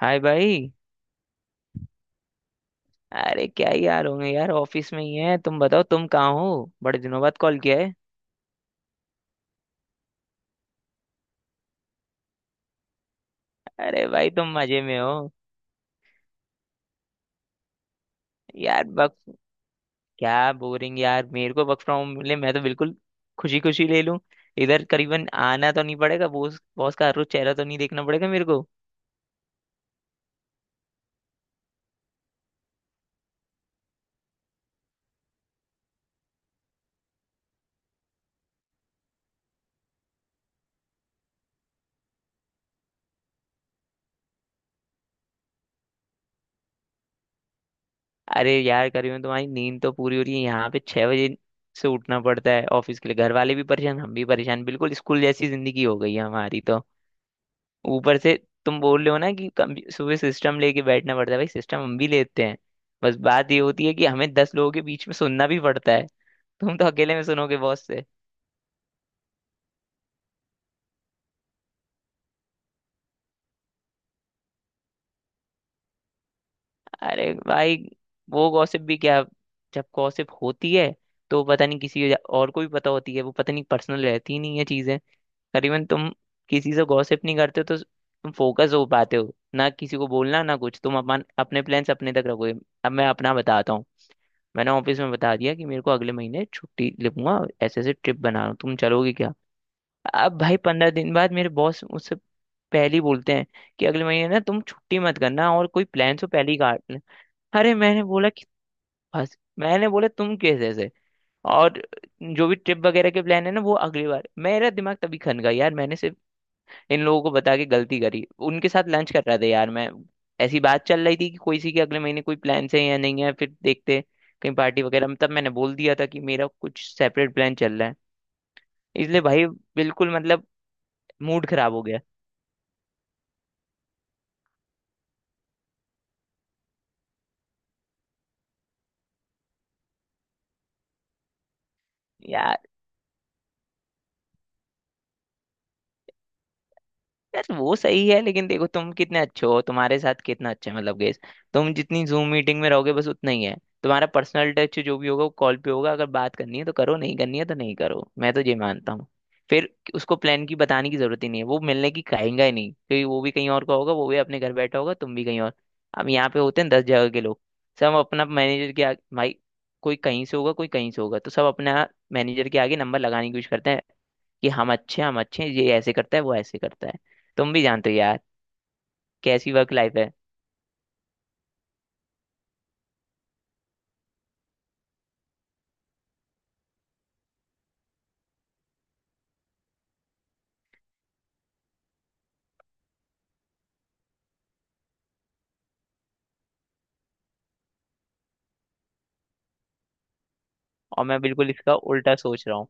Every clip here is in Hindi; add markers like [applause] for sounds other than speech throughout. हाय भाई। अरे क्या ही यार, होंगे यार, ऑफिस में ही है। तुम बताओ, तुम कहाँ हो? बड़े दिनों बाद कॉल किया है। अरे भाई तुम मजे में हो? यार वक्त, क्या बोरिंग यार, मेरे को वर्क फ्रॉम मिले मैं तो बिल्कुल खुशी खुशी ले लूं। इधर करीबन आना तो नहीं पड़ेगा, बॉस बॉस का हर रोज चेहरा तो नहीं देखना पड़ेगा मेरे को। अरे यार करीबन तुम्हारी नींद तो पूरी हो रही है, यहाँ पे 6 बजे से उठना पड़ता है ऑफिस के लिए। घर वाले भी परेशान, हम भी परेशान, बिल्कुल स्कूल जैसी जिंदगी हो गई है हमारी तो। ऊपर से तुम बोल रहे हो ना कि सुबह सिस्टम लेके बैठना पड़ता है, भाई सिस्टम हम भी लेते हैं। बस बात ये होती है कि हमें 10 लोगों के बीच में सुनना भी पड़ता है, तुम तो अकेले में सुनोगे बॉस से। अरे भाई वो गॉसिप भी क्या, जब गॉसिप होती है तो पता नहीं किसी और को भी पता होती है, वो पता नहीं पर्सनल रहती ही नहीं है चीजें। करीबन तुम किसी से गॉसिप नहीं करते हो तो तुम फोकस हो पाते हो ना, किसी को बोलना ना कुछ, तुम अपन अपने प्लान्स अपने तक रखोगे। अब मैं अपना बताता हूँ। मैंने ऑफिस में बता दिया कि मेरे को अगले महीने छुट्टी लूंगा, ऐसे ऐसे ट्रिप बना रहा हूँ, तुम चलोगे क्या? अब भाई 15 दिन बाद मेरे बॉस मुझसे पहले ही बोलते हैं कि अगले महीने ना तुम छुट्टी मत करना, और कोई प्लान हो पहले ही काट लें। अरे मैंने बोला कि, बस मैंने बोला तुम कैसे ऐसे, और जो भी ट्रिप वगैरह के प्लान है ना, वो अगली बार। मेरा दिमाग तभी खन गया यार। मैंने सिर्फ इन लोगों को बता के गलती करी, उनके साथ लंच कर रहा था यार मैं, ऐसी बात चल रही थी कि कोई सी के अगले महीने कोई प्लान है या नहीं है, फिर देखते कहीं पार्टी वगैरह में, तब मैंने बोल दिया था कि मेरा कुछ सेपरेट प्लान चल रहा है। इसलिए भाई, बिल्कुल मतलब मूड खराब हो गया यार। यार वो सही है, लेकिन देखो तुम कितने अच्छे हो, तुम्हारे साथ कितना अच्छा है, मतलब गेस। तुम जितनी जूम मीटिंग में रहोगे बस उतना ही है, तुम्हारा पर्सनल टच जो भी होगा वो कॉल पे होगा। अगर बात करनी है तो करो, नहीं करनी है तो नहीं करो, मैं तो ये मानता हूँ। फिर उसको प्लान की बताने की जरूरत ही नहीं है, वो मिलने की कहेंगे ही नहीं क्योंकि वो भी कहीं और का होगा, वो भी अपने घर बैठा होगा, तुम भी कहीं और। अब यहाँ पे होते हैं 10 जगह के लोग, सब अपना मैनेजर के आगे भाई, कोई कहीं से होगा, कोई कहीं से होगा, तो सब अपना मैनेजर के आगे नंबर लगाने की कोशिश करते हैं कि हम अच्छे हैं, ये ऐसे करता है, वो ऐसे करता है। तुम भी जानते हो यार कैसी वर्क लाइफ है। और मैं बिल्कुल इसका उल्टा सोच रहा हूँ,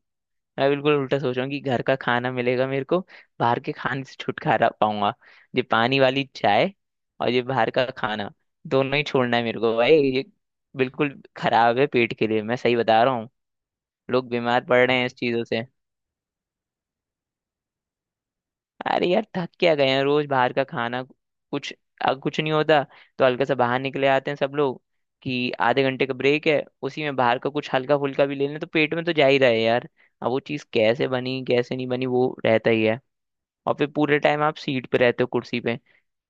मैं बिल्कुल उल्टा सोच रहा हूँ, कि घर का खाना मिलेगा मेरे को, बाहर के खाने से छुटकारा पाऊंगा। ये पानी वाली चाय और ये बाहर का खाना दोनों ही छोड़ना है मेरे को भाई, ये बिल्कुल खराब है पेट के लिए, मैं सही बता रहा हूँ, लोग बीमार पड़ रहे हैं इस चीजों से। अरे यार थक क्या गए हैं, रोज बाहर का खाना, कुछ अब कुछ नहीं होता तो हल्का सा बाहर निकले आते हैं सब लोग, कि आधे घंटे का ब्रेक है उसी में बाहर का कुछ हल्का फुल्का भी ले लें, तो पेट में तो जा ही रहा है यार। अब वो चीज़ कैसे बनी कैसे नहीं बनी वो रहता ही है। और फिर पूरे टाइम आप सीट पे रहते हो, कुर्सी पे।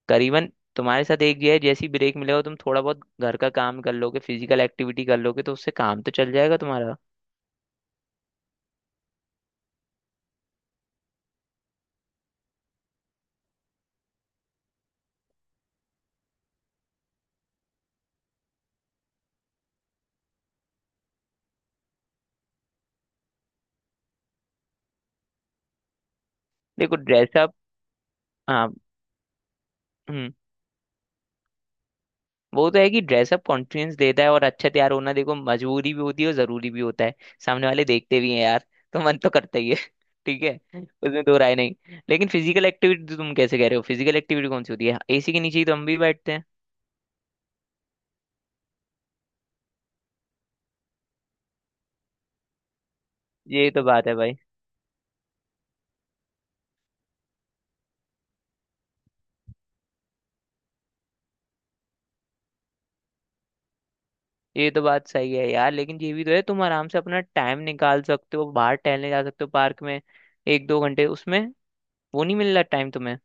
करीबन तुम्हारे साथ एक ये है, जैसे ही ब्रेक मिलेगा तुम थोड़ा बहुत घर का काम कर लोगे, फिजिकल एक्टिविटी कर लोगे, तो उससे काम तो चल जाएगा तुम्हारा। देखो ड्रेसअप, हाँ। हम्म, वो तो है कि ड्रेसअप कॉन्फिडेंस देता है, और अच्छा तैयार होना देखो मजबूरी भी होती है और जरूरी भी होता है, सामने वाले देखते भी हैं यार, तो मन तो करता ही है। [laughs] ठीक है, उसमें दो राय नहीं। लेकिन फिजिकल एक्टिविटी तुम कैसे कह रहे हो, फिजिकल एक्टिविटी कौन सी होती है, एसी के नीचे ही तो हम भी बैठते हैं। ये तो बात है भाई। ये तो बात सही है यार, लेकिन ये भी तो है, तुम आराम से अपना टाइम निकाल सकते हो, बाहर टहलने जा सकते हो पार्क में, एक दो घंटे उसमें, वो नहीं मिल रहा टाइम तुम्हें?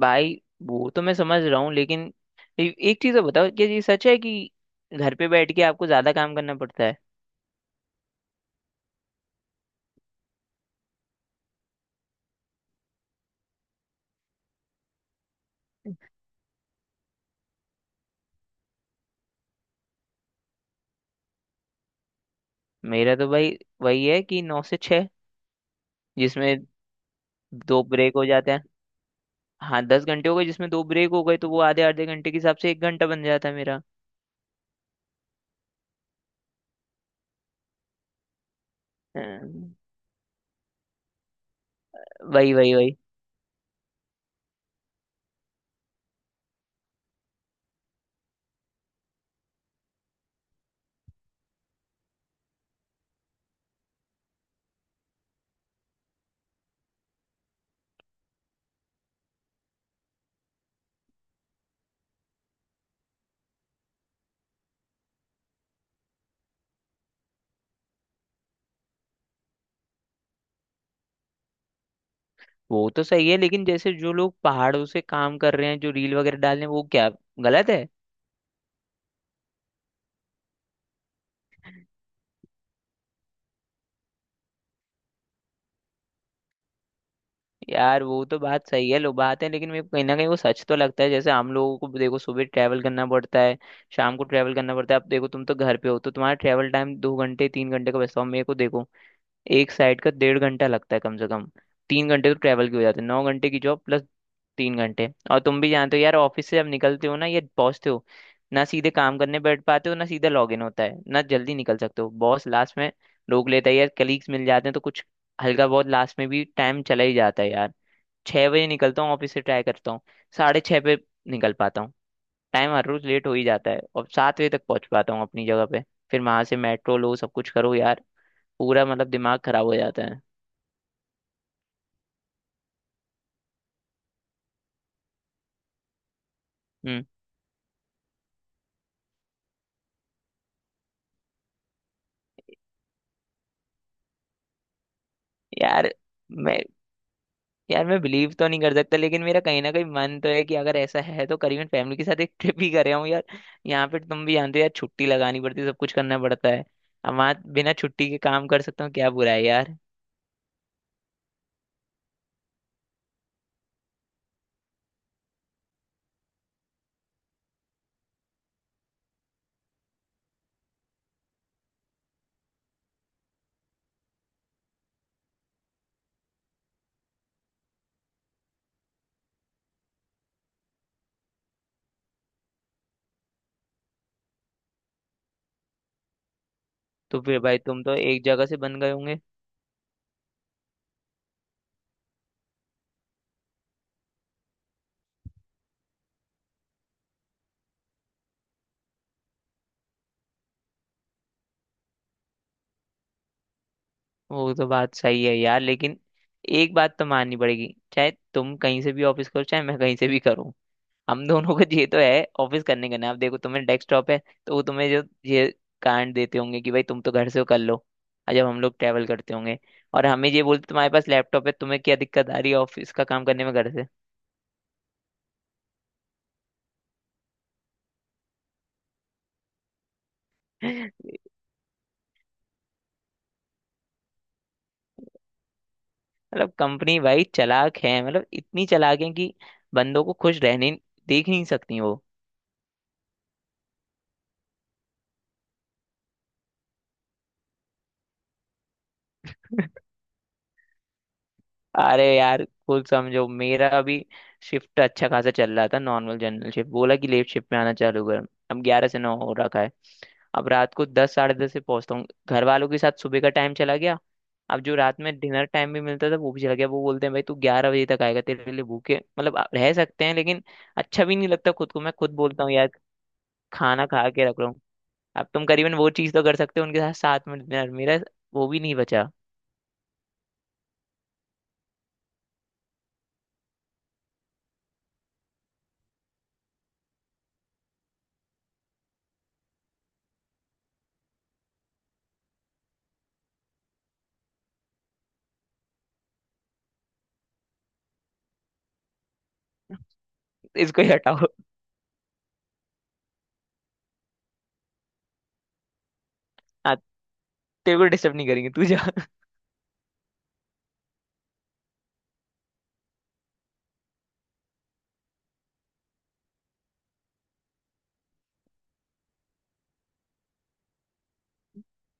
भाई वो तो मैं समझ रहा हूँ, लेकिन एक चीज़ तो बताओ, क्या ये सच है कि घर पे बैठ के आपको ज्यादा काम करना पड़ता है? मेरा तो भाई वही है कि 9 से 6, जिसमें दो ब्रेक हो जाते हैं। हाँ 10 घंटे हो गए, जिसमें दो ब्रेक हो गए तो वो आधे आधे घंटे के हिसाब से 1 घंटा बन जाता है मेरा। अम्म, वही वही वही। वो तो सही है, लेकिन जैसे जो लोग पहाड़ों से काम कर रहे हैं, जो रील वगैरह डाल रहे हैं वो क्या गलत है? यार वो तो बात सही है, लो बात है, लेकिन मेरे को कहीं ना कहीं वो सच तो लगता है। जैसे हम लोगों को देखो सुबह ट्रैवल करना पड़ता है, शाम को ट्रैवल करना पड़ता है। अब देखो तुम तो घर पे हो तो तुम्हारा ट्रैवल टाइम 2 घंटे 3 घंटे का बचता हो, मेरे को देखो एक साइड का 1.5 घंटा लगता है कम से कम, 3 घंटे तो ट्रैवल के हो जाते हैं। 9 घंटे की जॉब प्लस 3 घंटे। और तुम भी जानते हो यार ऑफिस से जब निकलते हो ना, ये पहुंचते हो, ना सीधे काम करने बैठ पाते हो, ना सीधा लॉग इन होता है, ना जल्दी निकल सकते हो, बॉस लास्ट में रोक लेता है यार, कलीग्स मिल जाते हैं तो कुछ हल्का बहुत लास्ट में भी टाइम चला ही जाता है यार। 6 बजे निकलता हूँ ऑफिस से, ट्राई करता हूँ 6:30 पे निकल पाता हूँ, टाइम हर रोज लेट हो ही जाता है, और 7 बजे तक पहुंच पाता हूँ अपनी जगह पे। फिर वहां से मेट्रो लो सब कुछ करो यार, पूरा मतलब दिमाग खराब हो जाता है। हम्म। यार मैं, यार मैं बिलीव तो नहीं कर सकता, लेकिन मेरा कहीं ना कहीं मन तो है कि अगर ऐसा है तो करीबन फैमिली के साथ एक ट्रिप ही करे हूँ यार। यहाँ पे तुम भी जानते हो यार छुट्टी लगानी पड़ती है, सब कुछ करना पड़ता है। अब वहाँ बिना छुट्टी के काम कर सकता हूँ, क्या बुरा है यार? तो फिर भाई तुम तो एक जगह से बन गए होंगे। वो तो बात सही है यार, लेकिन एक बात तो माननी पड़ेगी, चाहे तुम कहीं से भी ऑफिस करो, चाहे मैं कहीं से भी करूँ, हम दोनों को [laughs] ये तो है ऑफिस करने का ना। अब देखो तुम्हें डेस्कटॉप है तो वो तुम्हें जो ये कांड देते होंगे कि भाई तुम तो घर से हो, कर लो। और जब हम लोग ट्रैवल करते होंगे और हमें ये बोलते तुम्हारे पास लैपटॉप है, तुम्हें क्या दिक्कत आ रही है ऑफिस का काम करने में घर से? [laughs] मतलब कंपनी भाई चालाक है, मतलब इतनी चालाक है कि बंदों को खुश रहने देख नहीं सकती वो। अरे यार कुल समझो, मेरा अभी शिफ्ट अच्छा खासा चल रहा था नॉर्मल जनरल शिफ्ट, बोला कि लेट शिफ्ट में आना चालू कर, अब 11 से 9 हो रखा है। अब रात को 10, 10:30 से पहुंचता हूँ, घर वालों के साथ सुबह का टाइम चला गया। अब जो रात में डिनर टाइम भी मिलता था वो भी चला गया, वो बोलते हैं भाई तू 11 बजे तक आएगा, तेरे लिए भूखे, मतलब आप रह सकते हैं लेकिन अच्छा भी नहीं लगता, खुद को मैं खुद बोलता हूँ यार खाना खा के रख रहा हूँ। अब तुम करीबन वो चीज़ तो कर सकते हो, उनके साथ साथ में डिनर, मेरा वो भी नहीं बचा। इसको ही हटाओ, हाँ, तेरे को डिस्टर्ब नहीं करेंगे तू जा,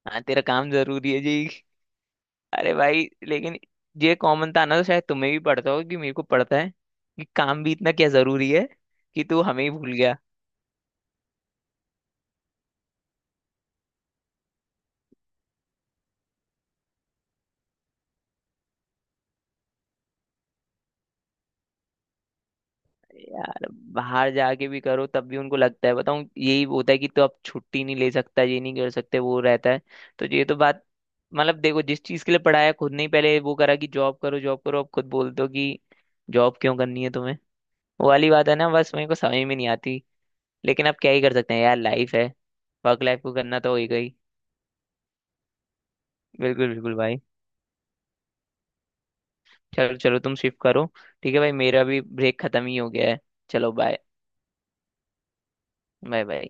हाँ तेरा काम जरूरी है जी। अरे भाई लेकिन ये कॉमन था ना, तो शायद तुम्हें भी पड़ता होगा कि मेरे को पड़ता है कि काम भी इतना क्या जरूरी है कि तू हमें ही भूल गया? यार बाहर जाके भी करो तब भी उनको लगता है, बताऊं यही होता है, कि तो अब छुट्टी नहीं ले सकता, ये नहीं कर सकते, वो रहता है। तो ये तो बात, मतलब देखो जिस चीज के लिए पढ़ाया खुद, नहीं पहले वो करा कि जॉब करो जॉब करो, अब खुद बोलते हो कि जॉब क्यों करनी है तुम्हें? वो वाली बात है ना, बस मेरे को समझ में नहीं आती। लेकिन अब क्या ही कर सकते हैं यार, लाइफ है, वर्क लाइफ को करना तो होगा ही। बिल्कुल बिल्कुल भाई, चलो चलो तुम शिफ्ट करो। ठीक है भाई मेरा भी ब्रेक खत्म ही हो गया है। चलो बाय। Bye bye.